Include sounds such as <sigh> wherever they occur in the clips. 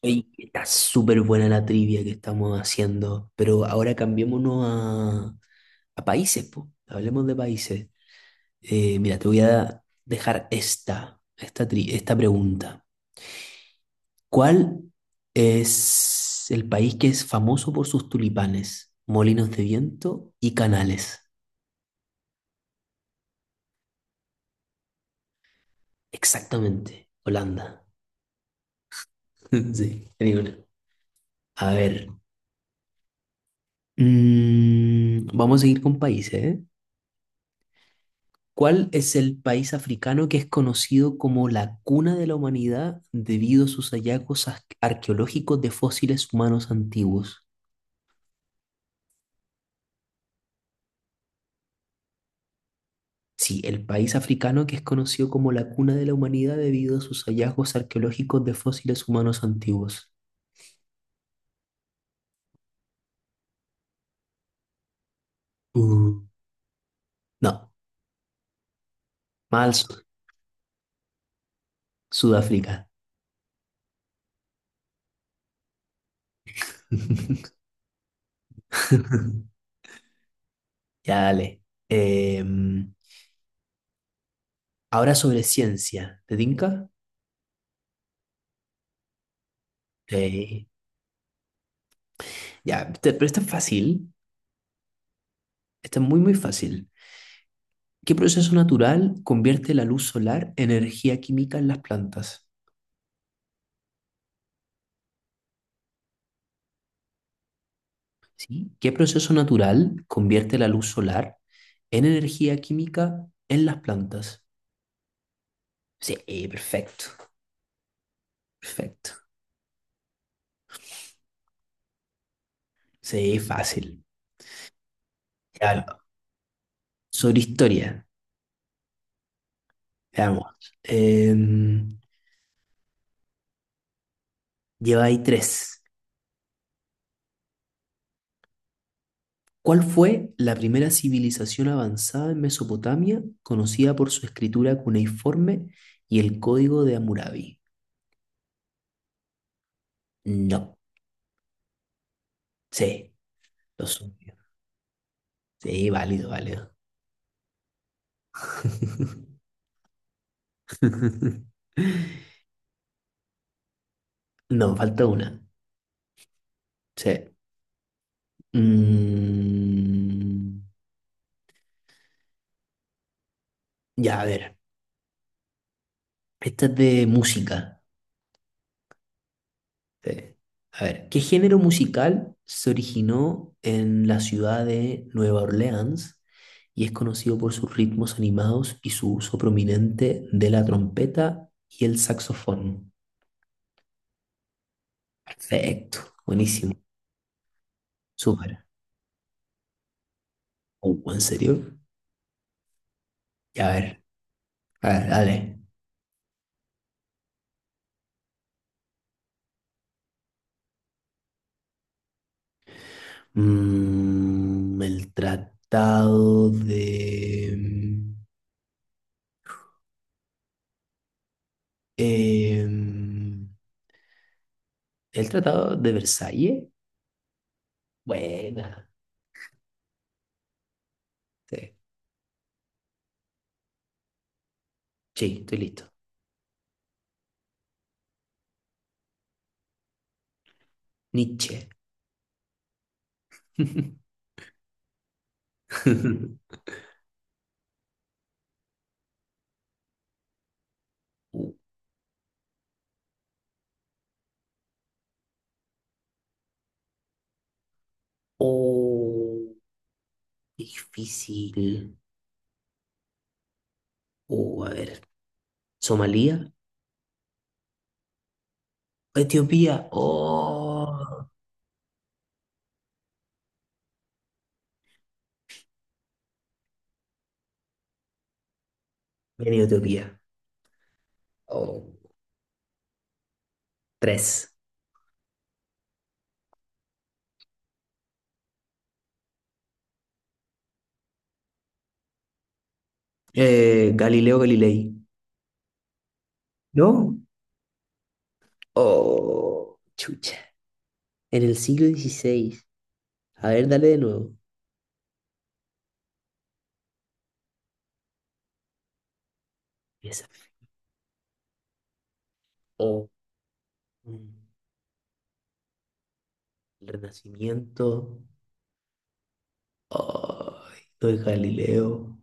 Ey, está súper buena la trivia que estamos haciendo, pero ahora cambiémonos a países, po. Hablemos de países. Mira, te voy a dejar esta pregunta. ¿Cuál es el país que es famoso por sus tulipanes, molinos de viento y canales? Exactamente, Holanda. <laughs> Sí, tenía una. A ver, vamos a seguir con países, ¿eh? ¿Cuál es el país africano que es conocido como la cuna de la humanidad debido a sus hallazgos arqueológicos de fósiles humanos antiguos? Sí, el país africano que es conocido como la cuna de la humanidad debido a sus hallazgos arqueológicos de fósiles humanos antiguos. Uh, no, mal Sudáfrica. <laughs> Ya dale. Em, Ahora sobre ciencia, ¿te tinca? Sí. Ya, pero esta es fácil. Esta es muy, muy fácil. ¿Qué proceso natural convierte la luz solar en energía química en las plantas? ¿Sí? ¿Qué proceso natural convierte la luz solar en energía química en las plantas? Sí, perfecto, perfecto. Sí, fácil. Ya, sobre historia, veamos. Eh, Lleva ahí tres. ¿Cuál fue la primera civilización avanzada en Mesopotamia conocida por su escritura cuneiforme y el código de Hammurabi? No, sí, lo supe. Sí, válido, válido. <laughs> No, falta una. Sí. Mm, ya, a ver. Esta es de música. Sí. A ver, ¿qué género musical se originó en la ciudad de Nueva Orleans y es conocido por sus ritmos animados y su uso prominente de la trompeta y el saxofón? Perfecto, buenísimo, súper. Oh, ¿en serio? Ya, a ver, dale. Mm, el tratado de... mm, em, el tratado de Versalles. Buena. Sí, sí, estoy listo. Nietzsche. <laughs> Uh, Oh, qué difícil. Oh, a ver. ¿Somalia? ¿Etiopía? Oh, vení, Etiopía. Oh, tres. Galileo Galilei. ¿No? Oh, chucha. En el siglo XVI. A ver, dale de nuevo. Esa. Oh, mm, el Renacimiento. Ay, lo de Galileo.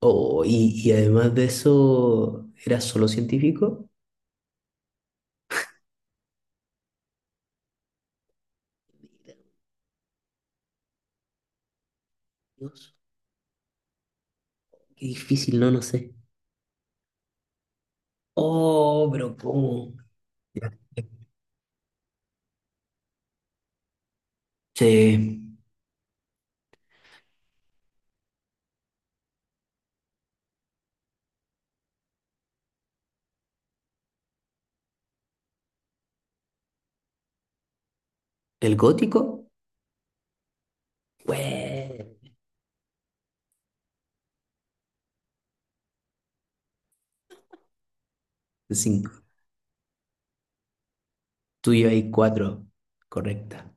Oh, y además de eso, ¿era solo científico? Mira, Dios, qué difícil, no, no sé. Oh, pero ¿cómo? Ya. Sí. ¿El gótico? Bueno, cinco. Tú y yo hay cuatro. Correcta.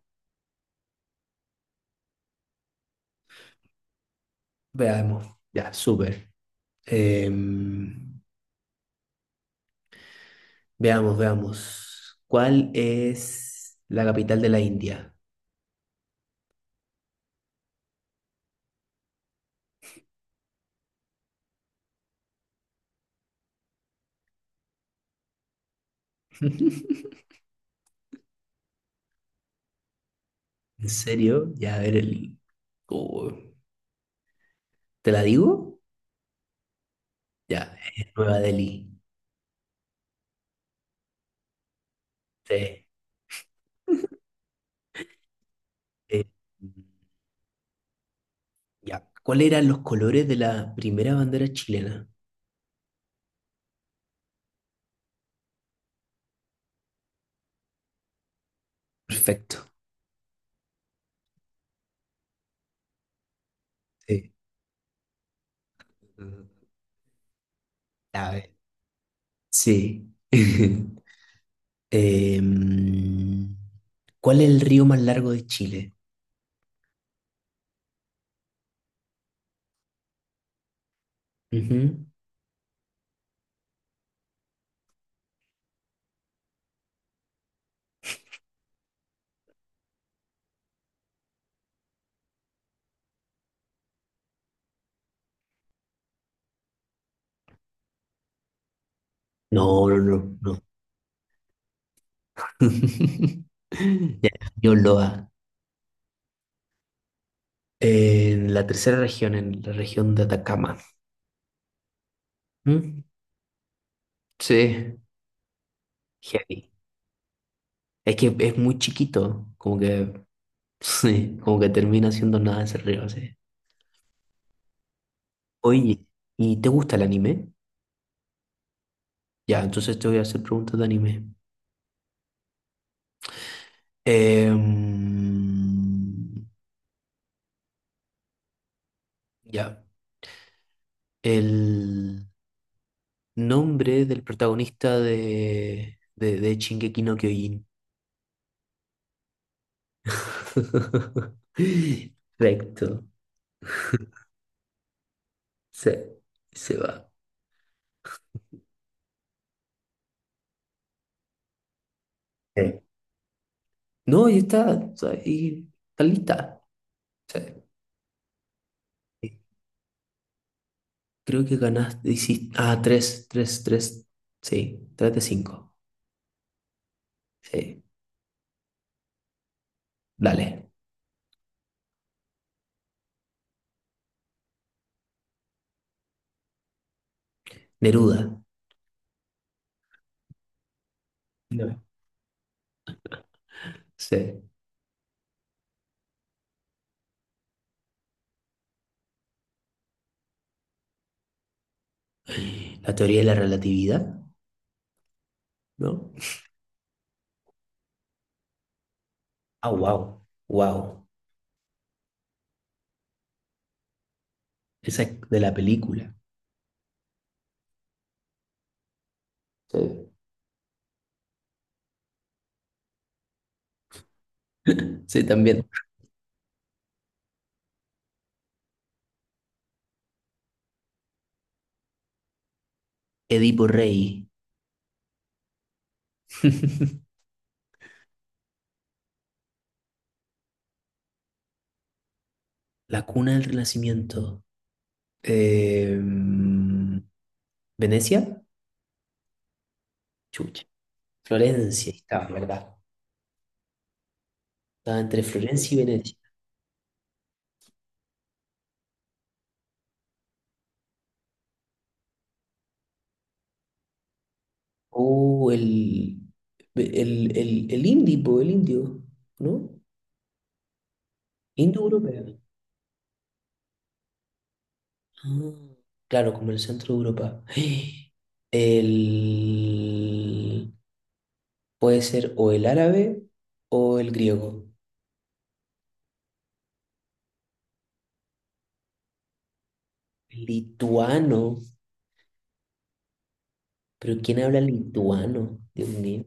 Veamos. Ya, súper. Em, Veamos, veamos. ¿Cuál es la capital de la India? <laughs> ¿En serio? Ya, a ver oh, ¿te la digo? Ya, es Nueva Delhi. Sí. eh, ya. ¿Cuáles eran los colores de la primera bandera chilena? Perfecto. Sí. A ver. Sí. <laughs> Em, ¿Cuál es el río más largo de Chile? Ujú. No, no, no, no. <laughs> Ya, yo lo en la tercera región, en la región de Atacama. ¿Mm? Sí, heavy. Es que es muy chiquito, como que, <laughs> sí, como que termina siendo nada ese río, sí. Oye, ¿y te gusta el anime? Ya, entonces te voy a hacer preguntas de anime. Em, ya, el nombre del protagonista de Shingeki no Kyojin. <laughs> Perfecto, se, se va. Sí. No, y está, o sea, y está lista. O sea, eh, creo que ganaste, hiciste, ah, tres, sí, tres de cinco. Sí, dale. Neruda. No. Sí. La teoría de la relatividad, ¿no? Ah, wow, wow. Esa es de la película. Sí. Sí, también. Edipo Rey. <laughs> La cuna del Renacimiento. Em, ¿Venecia? Chucha. Florencia, estaba, ¿verdad? Estaba entre Florencia y Venecia. O el indie, po, el indio, ¿no? Indo-europea. Ah, claro, como el centro de Europa. <gasps> El... Puede ser o el árabe o el griego. Lituano. ¿Pero quién habla lituano? Dios mío.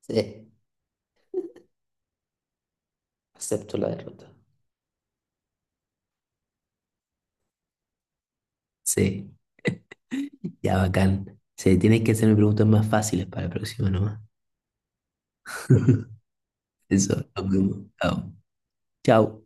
Sí, acepto la derrota. Sí, <laughs> ya bacán. Sí, tienes que hacerme preguntas más fáciles para la próxima nomás. <laughs> Eso, nos vemos. Chao. Chao.